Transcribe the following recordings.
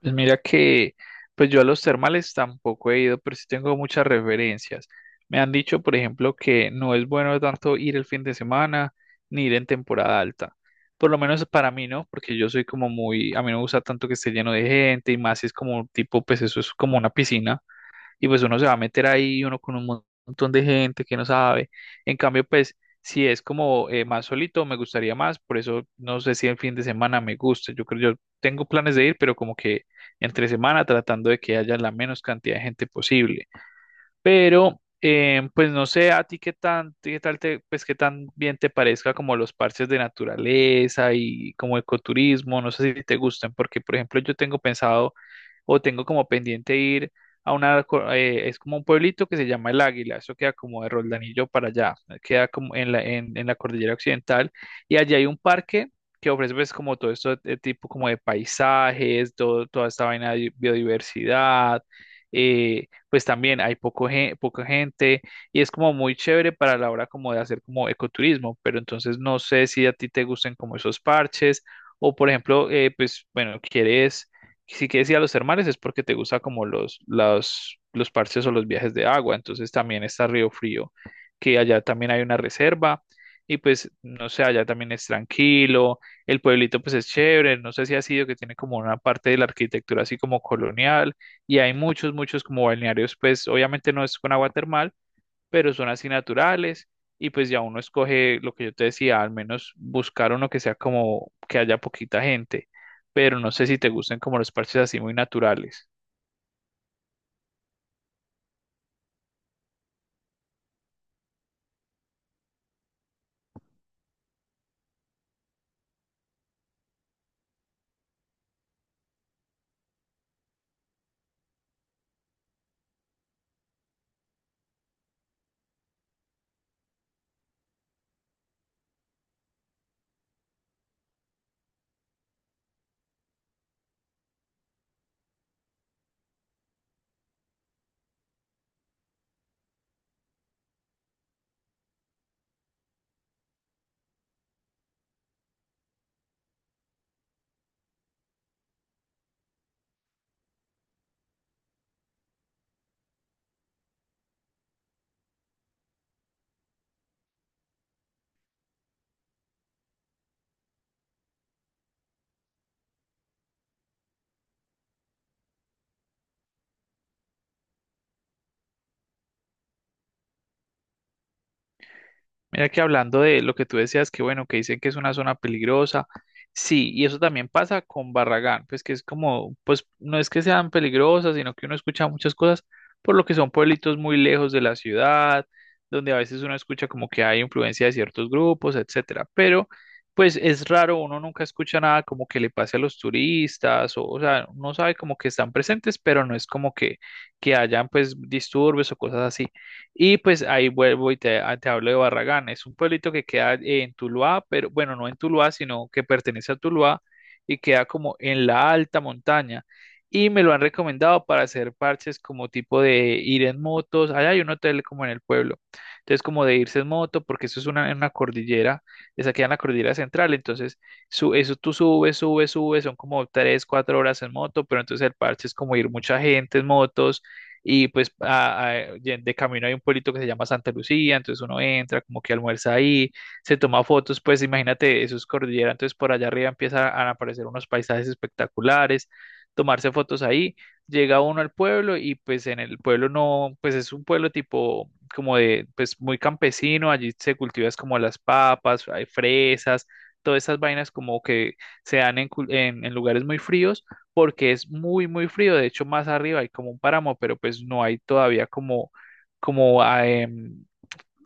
Pues mira que, pues yo a los termales tampoco he ido, pero sí tengo muchas referencias. Me han dicho, por ejemplo, que no es bueno tanto ir el fin de semana ni ir en temporada alta. Por lo menos para mí, ¿no? Porque yo soy como muy, a mí no me gusta tanto que esté lleno de gente y más si es como tipo, pues eso es como una piscina y pues uno se va a meter ahí, uno con un montón de gente que no sabe. En cambio, pues si es como más solito, me gustaría más, por eso no sé si el fin de semana me gusta. Yo creo, yo tengo planes de ir, pero como que entre semana tratando de que haya la menos cantidad de gente posible. Pero pues no sé a ti qué tan, qué tal te, pues qué tan bien te parezca como los parches de naturaleza y como ecoturismo, no sé si te gustan, porque por ejemplo yo tengo pensado o tengo como pendiente ir a una, es como un pueblito que se llama El Águila, eso queda como de Roldanillo para allá, queda como en la cordillera occidental, y allí hay un parque que ofrece pues como todo esto de tipo como de paisajes, todo, toda esta vaina de biodiversidad, pues también hay poca gente, y es como muy chévere para la hora como de hacer como ecoturismo, pero entonces no sé si a ti te gusten como esos parches, o por ejemplo, pues bueno, quieres si quieres ir a los termales es porque te gusta como los parches o los viajes de agua. Entonces también está Río Frío, que allá también hay una reserva. Y pues, no sé, allá también es tranquilo. El pueblito pues es chévere. No sé si ha sido que tiene como una parte de la arquitectura así como colonial. Y hay muchos como balnearios, pues obviamente no es con agua termal, pero son así naturales y pues ya uno escoge lo que yo te decía, al menos buscar uno que sea como que haya poquita gente, pero no sé si te gusten como los parches así muy naturales. Mira que hablando de lo que tú decías, que bueno, que dicen que es una zona peligrosa, sí, y eso también pasa con Barragán, pues que es como, pues no es que sean peligrosas, sino que uno escucha muchas cosas por lo que son pueblitos muy lejos de la ciudad, donde a veces uno escucha como que hay influencia de ciertos grupos, etcétera, pero pues es raro, uno nunca escucha nada como que le pase a los turistas, o sea, uno sabe como que están presentes, pero no es como que hayan pues disturbios o cosas así. Y pues ahí vuelvo y te hablo de Barragán. Es un pueblito que queda en Tuluá, pero bueno, no en Tuluá, sino que pertenece a Tuluá y queda como en la alta montaña. Y me lo han recomendado para hacer parches como tipo de ir en motos. Allá hay un hotel como en el pueblo. Entonces, como de irse en moto, porque eso es en una cordillera, esa queda en la cordillera central. Entonces, eso tú subes, subes, subes, son como tres, cuatro horas en moto, pero entonces el parche es como ir mucha gente en motos y pues de camino hay un pueblito que se llama Santa Lucía, entonces uno entra, como que almuerza ahí, se toma fotos, pues imagínate, eso es cordillera, entonces por allá arriba empiezan a aparecer unos paisajes espectaculares, tomarse fotos ahí, llega uno al pueblo y pues en el pueblo no, pues es un pueblo tipo como de, pues muy campesino, allí se cultivan como las papas, hay fresas, todas esas vainas como que se dan en, cul- en lugares muy fríos porque es muy, muy frío. De hecho, más arriba hay como un páramo, pero pues no hay todavía como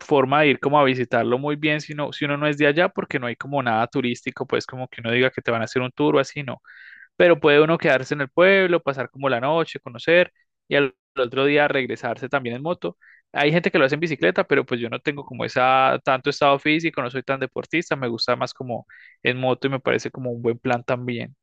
forma de ir como a visitarlo muy bien si, no, si uno no es de allá, porque no hay como nada turístico, pues como que uno diga que te van a hacer un tour o así, no. Pero puede uno quedarse en el pueblo, pasar como la noche, conocer y al otro día regresarse también en moto. Hay gente que lo hace en bicicleta, pero pues yo no tengo como esa tanto estado físico, no soy tan deportista, me gusta más como en moto y me parece como un buen plan también.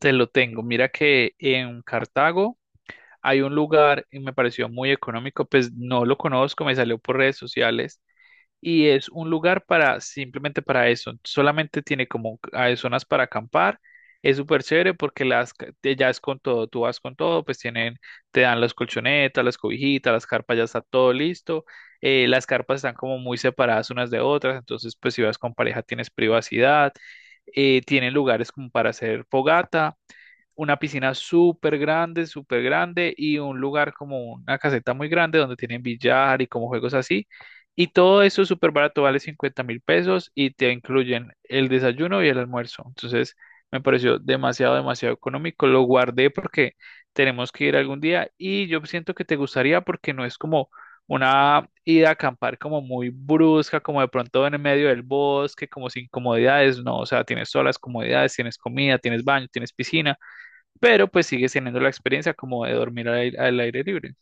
Te lo tengo. Mira que en Cartago hay un lugar y me pareció muy económico, pues no lo conozco, me salió por redes sociales y es un lugar para simplemente para eso. Solamente tiene como zonas para acampar. Es súper chévere porque ya es con todo, tú vas con todo, pues te dan las colchonetas, las cobijitas, las carpas, ya está todo listo. Las carpas están como muy separadas unas de otras, entonces pues si vas con pareja tienes privacidad. Tienen lugares como para hacer fogata una piscina súper grande y un lugar como una caseta muy grande donde tienen billar y como juegos así. Y todo eso súper barato, vale 50 mil pesos y te incluyen el desayuno y el almuerzo. Entonces me pareció demasiado, demasiado económico. Lo guardé porque tenemos que ir algún día y yo siento que te gustaría porque no es como una ida a acampar como muy brusca, como de pronto en el medio del bosque, como sin comodidades, no, o sea, tienes todas las comodidades, tienes comida, tienes baño, tienes piscina pero pues sigues teniendo la experiencia como de dormir al aire libre.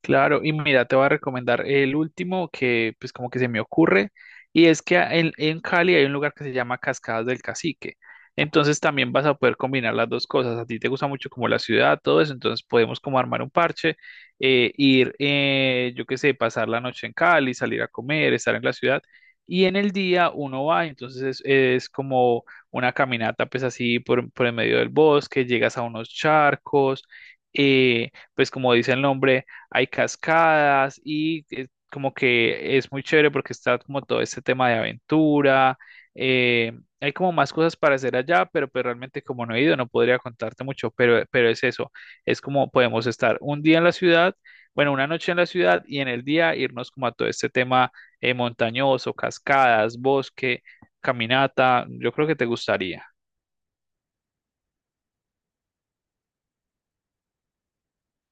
Claro, y mira, te voy a recomendar el último que pues como que se me ocurre, y es que en Cali hay un lugar que se llama Cascadas del Cacique. Entonces también vas a poder combinar las dos cosas. A ti te gusta mucho como la ciudad, todo eso, entonces podemos como armar un parche, ir, yo qué sé, pasar la noche en Cali, salir a comer, estar en la ciudad, y en el día uno va, entonces es como una caminata pues así por el medio del bosque, llegas a unos charcos, pues como dice el nombre hay cascadas y como que es muy chévere porque está como todo este tema de aventura. eh, hay como más cosas para hacer allá, pero realmente como no he ido no podría contarte mucho, pero es eso, es como podemos estar un día en la ciudad, bueno, una noche en la ciudad y en el día irnos como a todo este tema montañoso, cascadas, bosque, caminata, yo creo que te gustaría.